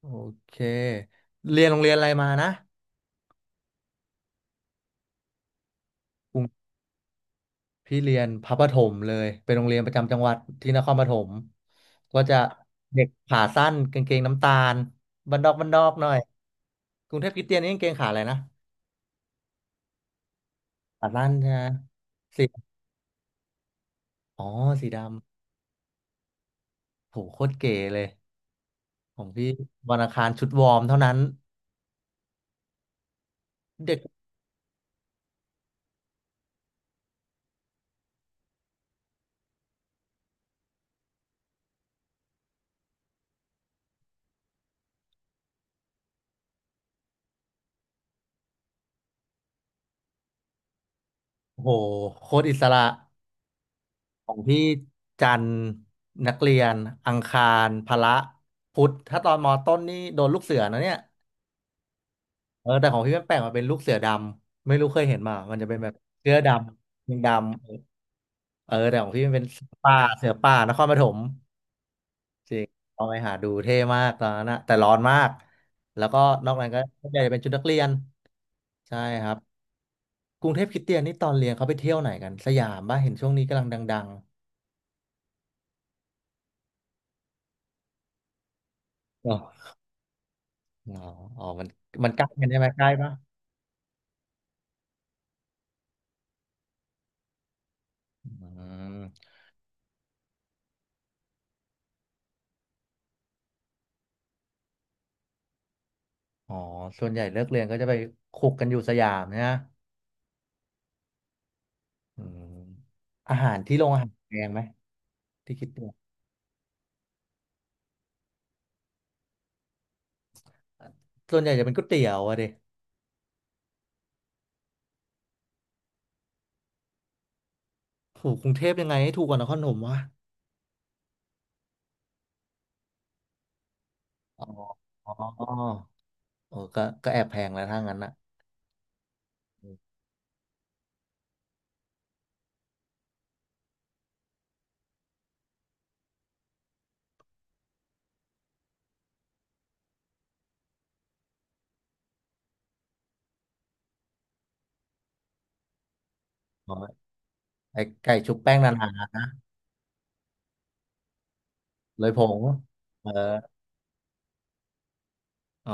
โอเคเรียนโรงเรียนอะไรมานะกรุงพี่เรียนพระประถมเลยเป็นโรงเรียนประจำจังหวัดที่นครปฐมก็จะเด็กขาสั้นกางเกงน้ำตาลบันดอกบันดอกหน่อยกรุงเทพคริสเตียนนี่กางเกงขาอะไรนะขาสั้นใช่ไหมสีอ๋อสีดำโหโคตรเก๋เลยของพี่วันอังคารชุดวอร์มเท่านั้นเด็กโหโคตรอิสระ ของพี่จันทร์นักเรียนอังคารพละพุธถ้าตอนมต้นนี่โดนลูกเสือนะเนี่ยเออแต่ของพี่มันแปลกมาเป็นลูกเสือดำไม่รู้เคยเห็นมามันจะเป็นแบบเสื้อดำยิงดำเออเออแต่ของพี่มันเป็นเสือป่าเสือป่านครปฐมจริงเอาไปหาดูเท่มากตอนนั้นนะแต่ร้อนมากแล้วก็นอกนั้นก็ส่วนใหญ่จะเป็นชุดนักเรียนใช่ครับกรุงเทพคริสเตียนนี่ตอนเรียนเขาไปเที่ยวไหนกันสยามป่ะเห็นช่วงนี้กำลังดังๆ อ๋อ อ๋อ มันใกล้กันใช่ไหม ใกล้ปะอืมอ๋อส่วนใหญ่เลิกเรียนก็จะไปคุกกันอยู่สยามเนี่ยอืมอาหารที่โรงอาหารแพงไหมที่คิดเนี่ยส่วนใหญ่จะเป็นก๋วยเตี๋ยวอะเด็กถูกกรุงเทพยังไงให้ถูกกว่านครปฐมวะอ๋ออ๋อโอ้ก็แอบแพงแล้วถ้างั้นนะอมอ๋อไอ้ไก่ชุบแป้งนานๆเลยผงเอออ๋อ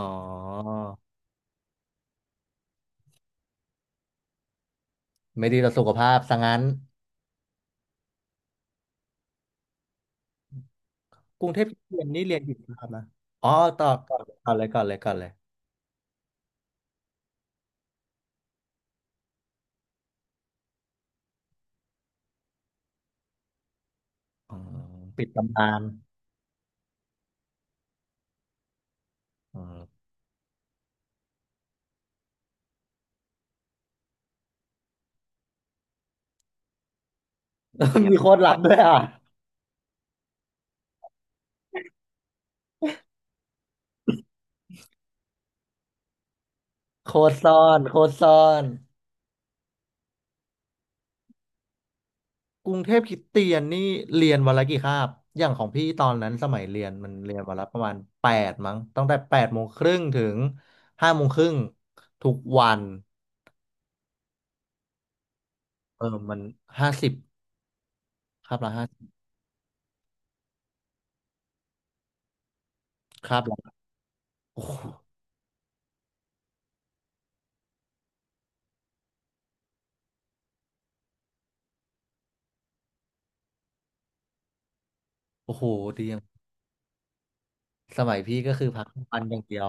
ไม่ดีต่อสุขภาพซะงั้นกรุงเทพเรียนนี่เรียนกี่คาบนะอ๋อต่อก่อนเลย อ๋อปิดตำนานอ๋อ มีโค้ดลับด้วยอ่ะ โค้ดซ่อน โค้ดซ่อนกรุงเทพคริสเตียนนี่เรียนวันละกี่คาบอย่างของพี่ตอนนั้นสมัยเรียนมันเรียนวันละประมาณแปดมั้งตั้งแต่แปดโมงครึ่งถึงห้าโมงครึ่งทุกวัน เออมันห้าสิบคาบละห้าคาบละโอ้โหโอ้โหดีอย่างสมัยพี่ก็คือพักกลางวันอย่างเดียว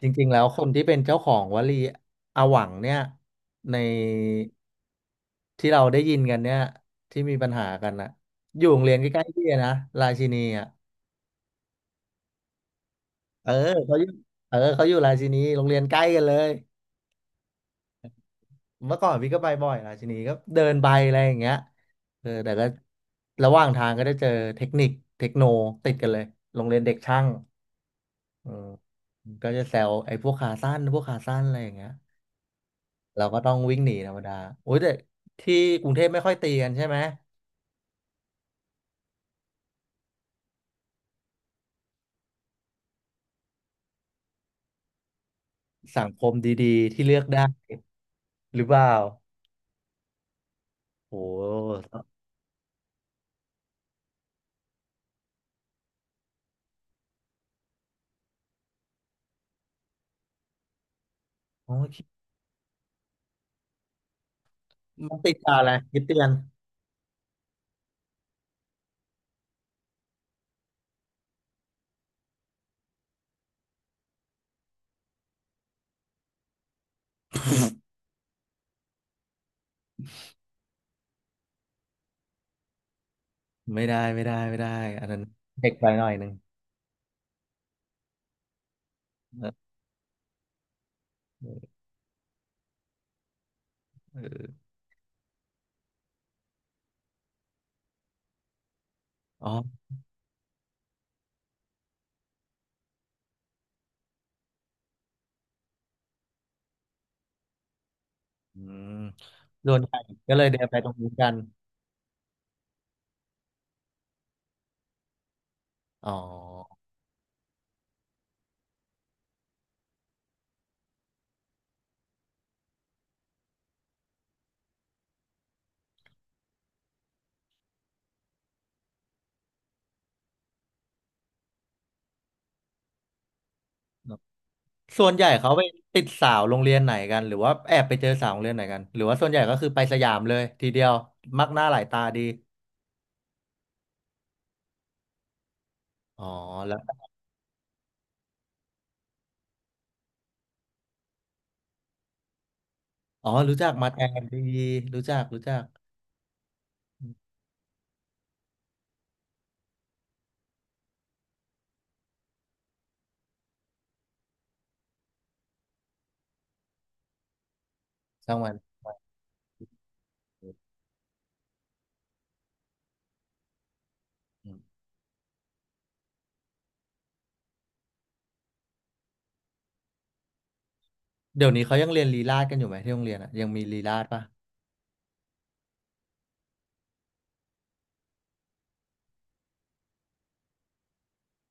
จริงๆ แล้วคนที่เป็นเจ้าของวลีอาหวังเนี่ยในที่เราได้ยินกันเนี่ยที่มีปัญหากันนะอยู่โรงเรียนใกล้ๆพี่นะราชินีอ่ะเออเขาอยู่เออเขาอยู่ราชินีโรงเรียนใกล้กันเลยเมื่อก่อนพี่ก็ไปบ่อยราชินีก็เดินไปอะไรอย่างเงี้ยเออแต่ก็ระหว่างทางก็ได้เจอเทคนิคเทคโนติดกันเลยโรงเรียนเด็กช่างเออก็จะแซวไอ้พวกขาสั้นพวกขาสั้นอะไรอย่างเงี้ย เราก็ต้องวิ่งหนีธรรมดาโอ้ยแต่ที่กรุงเทพไม่ค่อยตีกันใช่ไหมสังคมดีๆที่เลือกได้หรือเปล่าโอ้โหโอ้ยมันติดตาอะไรคิดเตือนไม่ได้ไม่ได้ไม่ได้อันนั้นเด็กไปหน่อยหนึ่งเออเอออ๋ออืมส่วนใหญ่ก็เลยเดินไปตรงนู้นกันอ๋อส่วนใหญ่เขาไปติดสาวโรงเรียนไหนกันหรือว่าแอบไปเจอสาวโรงเรียนไหนกันหรือว่าส่วนใหญ่ก็คือไปสยามเลยทีเดียวมักหน้าหลายตาดีอ๋อ อ๋อรู้จักมาแทนดีรู้จัก รู้จักอืมช่างมันอืมเดี๋ยวนี้เขายังเรียนลีลาศกันอยู่ไหมที่โรงเรียนอ่ะยังมีลีลาศป่ะ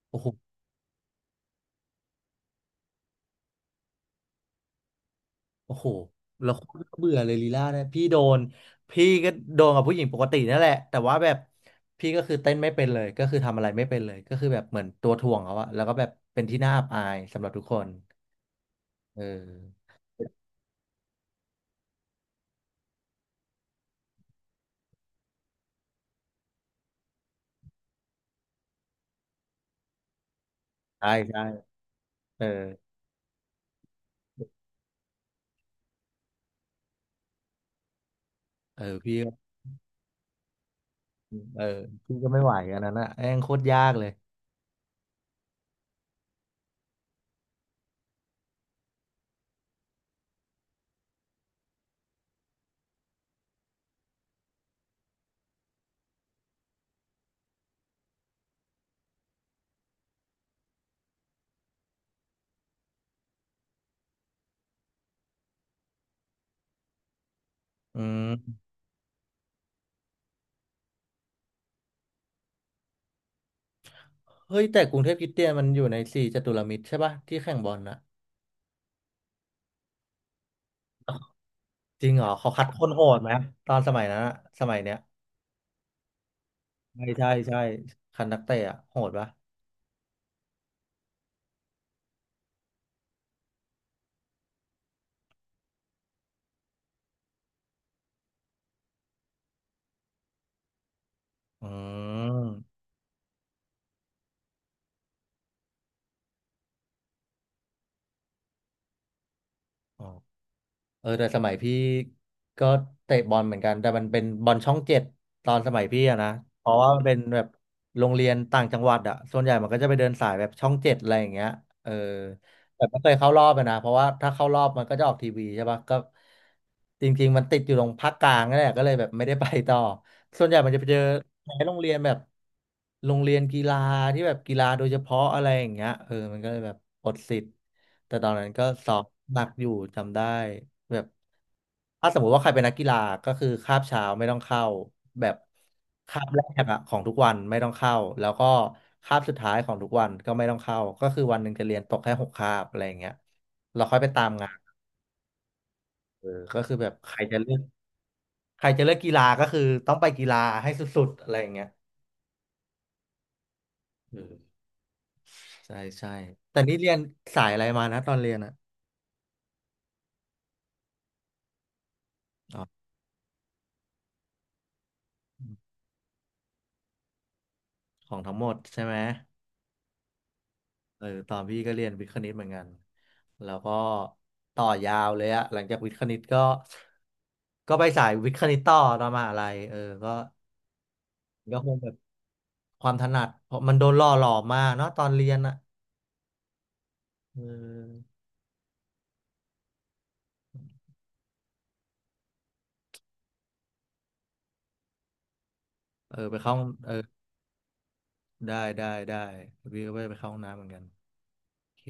โอ้โหโอ้โหเราโคตรเบื่อเลยลีลาศนะ พี่โดน พี่ก็โดนกับผู้หญิงปกตินั่นแหละ แต่ว่าแบบพี่ก็คือเต้นไม่เป็นเลย ก็คือทำอะไรไม่เป็นเลย ก็คือแบบเหมือนตัวถ่วงเขาอะแล้วก็แบบเป็นที่น่าอับอายสำหรับทุกคนเออใช่ใช่เออเออพี่ก็เออพี่ก็ไม่ไหวอันนั้นอะแม่งโคตรยากเลยอืม เฮ้ยแต่กรุงเทพคริสเตียนมันอยู่ในสี่จัตุรมิตรใช่ปะที่แข่งบอลนะจริงเหรอเขาคัดคนโหดไหมตอนสมัยนั้นอะสมัยเนี้ยใช่ใช่ใช่คัดนักเตะอะโหดปะอืมอ๋อเออแต่สมัยพี่ก็เตะบอลเหมือนกันแต่มันเป็นบอลช่องเจ็ดตอนสมัยพี่อะนะเพราะว่ามันเป็นแบบโรงเรียนต่างจังหวัดอะส่วนใหญ่มันก็จะไปเดินสายแบบช่องเจ็ดอะไรอย่างเงี้ยเออ แต่ไม่เคยเข้ารอบเลยนะเพราะว่าถ้าเข้ารอบมันก็จะออกทีวีใช่ปะก็จริงๆมันติดอยู่ตรงภาคกลางนั่นแหละก็เลยแบบไม่ได้ไปต่อส่วนใหญ่มันจะไปเจอในโรงเรียนแบบโรงเรียนกีฬาที่แบบกีฬาโดยเฉพาะอะไรอย่างเงี้ยเออมันก็เลยแบบอดสิทธิ์แต่ตอนนั้นก็สอบหนักอยู่จำได้แบบ ถ้าสมมุติว่าใครเป็นนักกีฬาก็คือคาบเช้าไม่ต้องเข้าแบบคาบแรกอะของทุกวันไม่ต้องเข้าแล้วก็คาบสุดท้ายของทุกวันก็ไม่ต้องเข้าก็คือวันหนึ่งจะเรียนตกแค่หกคาบอะไรอย่างเงี้ยเราค่อยไปตามงานเออก็คือแบบใครจะเลือกใครจะเลือกกีฬาก็คือต้องไปกีฬาให้สุดๆอะไรอย่างเงี้ยเออใช่ใช่แต่นี่เรียนสายอะไรมานะตอนเรียนอะอ๋อของทั้งหมดใช่ไหม เออตอนพี่ก็เรียนวิทย์คณิตเหมือนกันแล้วก็ต่อยาวเลยอะหลังจากวิทย์คณิตก็ไปสายวิทย์คณิตต่อตอนมหาลัยเออก็คงแบบความถนัดเพราะมันโดนหล่อหลอมมากเนาะตอนเรียนอะเออเออไปเข้าเออได้ได้ได้พี่ก็ไปไปเข้าห้องน้ำเหมือนกันโอเค